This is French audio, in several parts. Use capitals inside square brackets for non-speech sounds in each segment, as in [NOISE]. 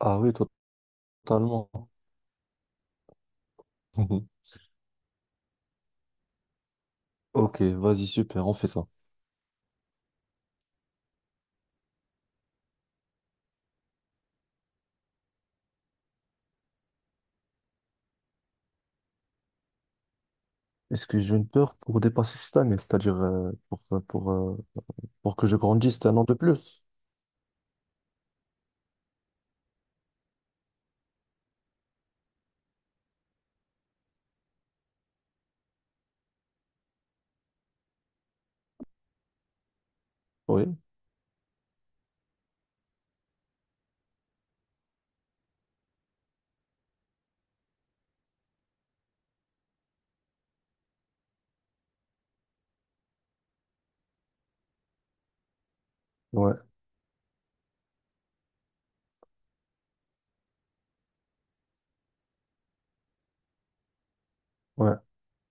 Ah oui, totalement. Mhm. Ok, vas-y, super, on fait ça. Est-ce que j'ai une peur pour dépasser cette année, c'est-à-dire pour que je grandisse un an de plus? Oui, ouais, ouais.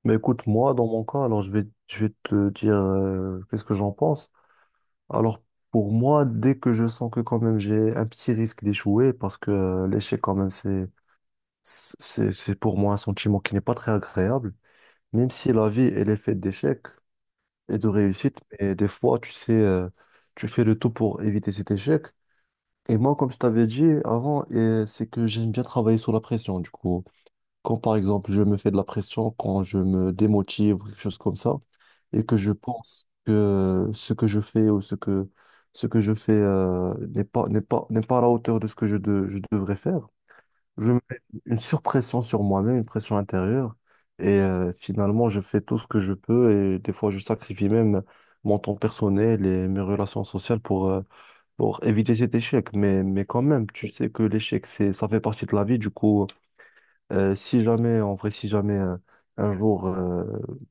Mais écoute, moi, dans mon cas, alors je vais te dire qu'est-ce que j'en pense. Alors, pour moi, dès que je sens que quand même j'ai un petit risque d'échouer, parce que l'échec, quand même, c'est pour moi un sentiment qui n'est pas très agréable, même si la vie, elle est faite d'échecs et de réussite. Mais des fois, tu sais, tu fais le tout pour éviter cet échec. Et moi, comme je t'avais dit avant, et c'est que j'aime bien travailler sous la pression. Du coup, quand par exemple, je me fais de la pression, quand je me démotive ou quelque chose comme ça, et que je pense que ce que je fais ou ce que je fais n'est pas à la hauteur de ce que je devrais faire, je mets une surpression sur moi-même, une pression intérieure. Et finalement, je fais tout ce que je peux. Et des fois, je sacrifie même mon temps personnel et mes relations sociales pour éviter cet échec. Mais quand même, tu sais que l'échec, c'est, ça fait partie de la vie. Du coup, si jamais, en vrai, si jamais un jour,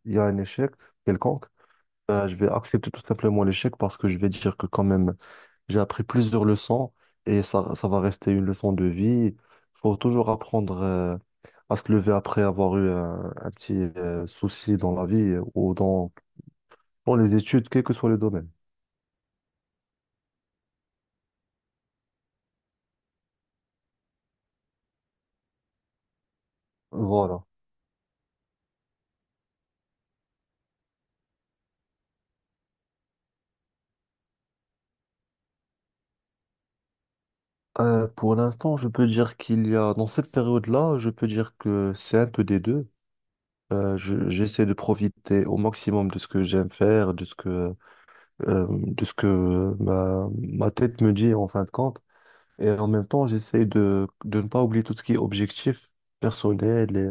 il y a un échec quelconque, je vais accepter tout simplement l'échec parce que je vais dire que quand même, j'ai appris plusieurs leçons et ça va rester une leçon de vie. Faut toujours apprendre à se lever après avoir eu un petit souci dans la vie ou dans, dans les études, quel que soit le domaine. Voilà. Pour l'instant, je peux dire qu'il y a, dans cette période-là, je peux dire que c'est un peu des deux. J'essaie de profiter au maximum de ce que j'aime faire, de ce que ma tête me dit en fin de compte. Et en même temps, j'essaie de ne pas oublier tout ce qui est objectif personnel et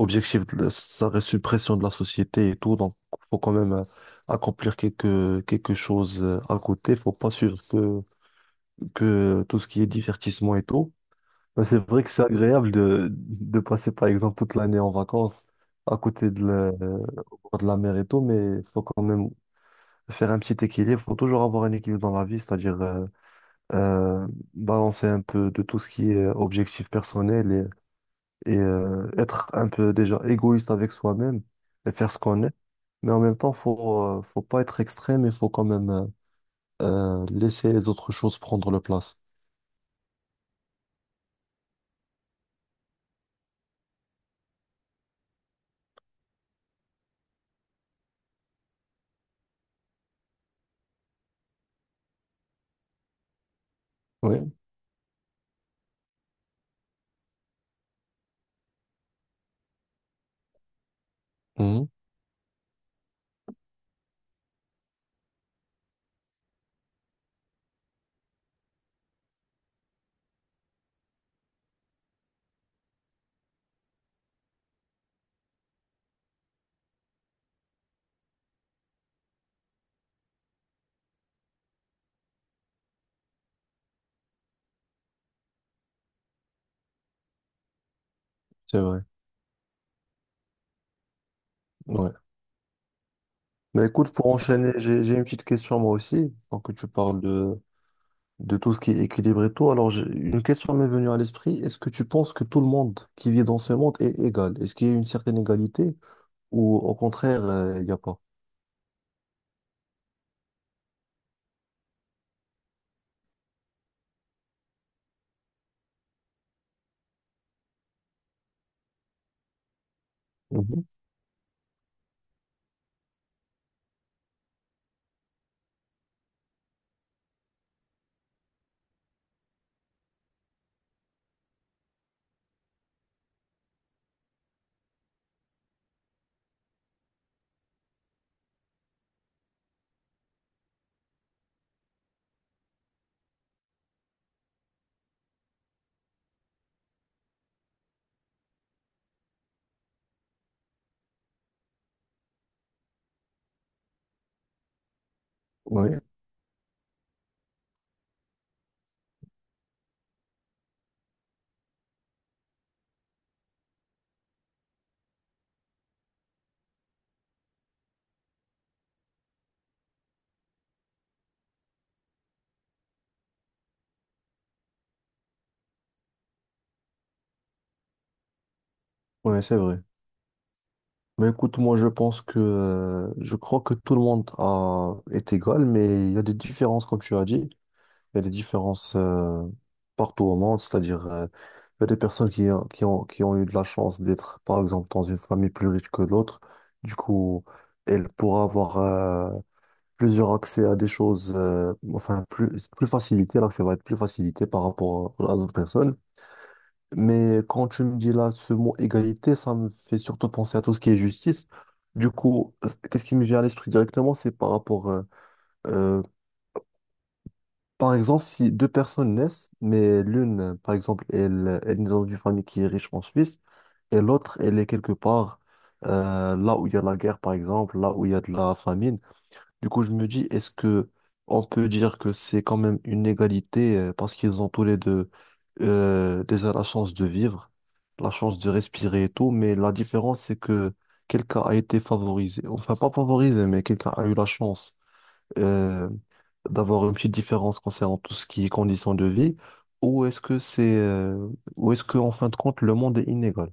objectif, ça reste une pression de la société et tout. Donc, faut quand même accomplir quelque, quelque chose à côté. Faut pas suivre que tout ce qui est divertissement et tout. Ben, c'est vrai que c'est agréable de passer, par exemple, toute l'année en vacances à côté de la, euh, au bord de la mer et tout, mais faut quand même faire un petit équilibre. Faut toujours avoir un équilibre dans la vie, c'est-à-dire, euh, balancer un peu de tout ce qui est objectif personnel et, être un peu déjà égoïste avec soi-même et faire ce qu'on est. Mais en même temps, faut, faut pas être extrême, il faut quand même laisser les autres choses prendre leur place. Oui. Mhm. C'est vrai. Ouais. Mais écoute, pour enchaîner, j'ai une petite question moi aussi, tant que tu parles de tout ce qui est équilibre et tout. Alors, une question m'est venue à l'esprit. Est-ce que tu penses que tout le monde qui vit dans ce monde est égal? Est-ce qu'il y a une certaine égalité? Ou au contraire, il n'y a pas. Mhm. Oui, oui, c'est vrai. Mais écoute, moi je pense que je crois que tout le monde a, est égal, mais il y a des différences, comme tu as dit. Il y a des différences partout au monde, c'est-à-dire il y a des personnes qui ont eu de la chance d'être, par exemple, dans une famille plus riche que l'autre. Du coup, elle pourra avoir plusieurs accès à des choses, enfin, plus, plus facilité. L'accès va être plus facilité par rapport à d'autres personnes. Mais quand tu me dis là ce mot égalité, ça me fait surtout penser à tout ce qui est justice. Du coup, qu'est-ce qui me vient à l'esprit directement, c'est par rapport, euh, par exemple, si deux personnes naissent, mais l'une, par exemple, elle, elle est dans une famille qui est riche en Suisse, et l'autre, elle est quelque part là où il y a la guerre, par exemple, là où il y a de la famine. Du coup, je me dis, est-ce que on peut dire que c'est quand même une égalité parce qu'ils ont tous les deux déjà la chance de vivre, la chance de respirer et tout, mais la différence, c'est que quelqu'un a été favorisé, enfin pas favorisé, mais quelqu'un a eu la chance euh, d'avoir une petite différence concernant tout ce qui est conditions de vie, ou est-ce que c'est, ou est-ce que en fin de compte, le monde est inégal?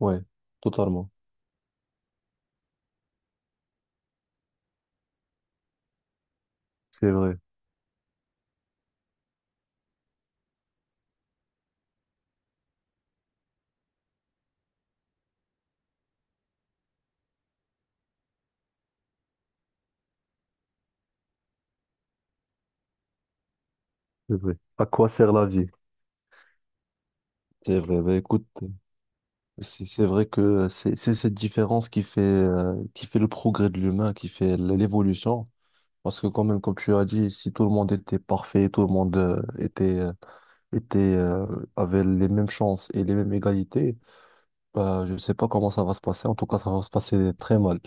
Ouais, totalement. C'est vrai, c'est vrai. À quoi sert la vie? C'est vrai. Bah, écoute. C'est vrai que c'est cette différence qui fait le progrès de l'humain, qui fait l'évolution. Parce que quand même, comme tu as dit, si tout le monde était parfait, tout le monde était, euh, avait les mêmes chances et les mêmes égalités, bah, je ne sais pas comment ça va se passer. En tout cas, ça va se passer très mal.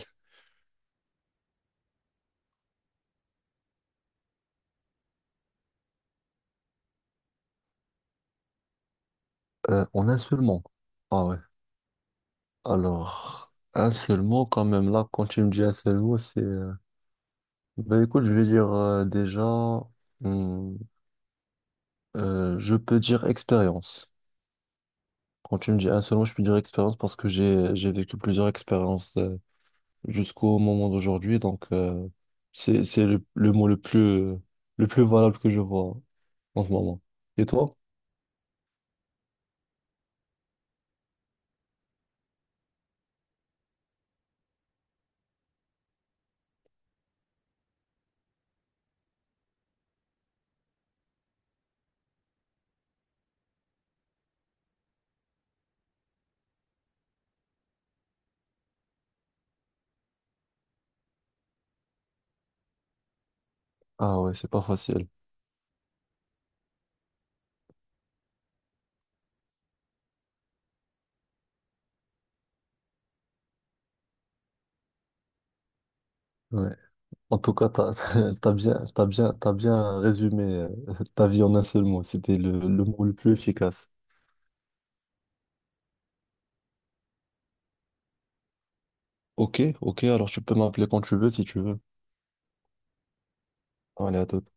En un seul mot. Ah ouais. Alors, un seul mot quand même. Là, quand tu me dis un seul mot, c'est... bah écoute, je vais dire hum, je peux dire expérience. Quand tu me dis un seul mot, je peux dire expérience parce que j'ai vécu plusieurs expériences jusqu'au moment d'aujourd'hui. Donc, c'est le mot le plus valable que je vois en ce moment. Et toi? Ah ouais, c'est pas facile. Ouais. En tout cas, [LAUGHS] t'as bien résumé [LAUGHS] ta vie en un seul mot. C'était le mot le plus efficace. Ok, ok, alors tu peux m'appeler quand tu veux si tu veux. Allez, à toute.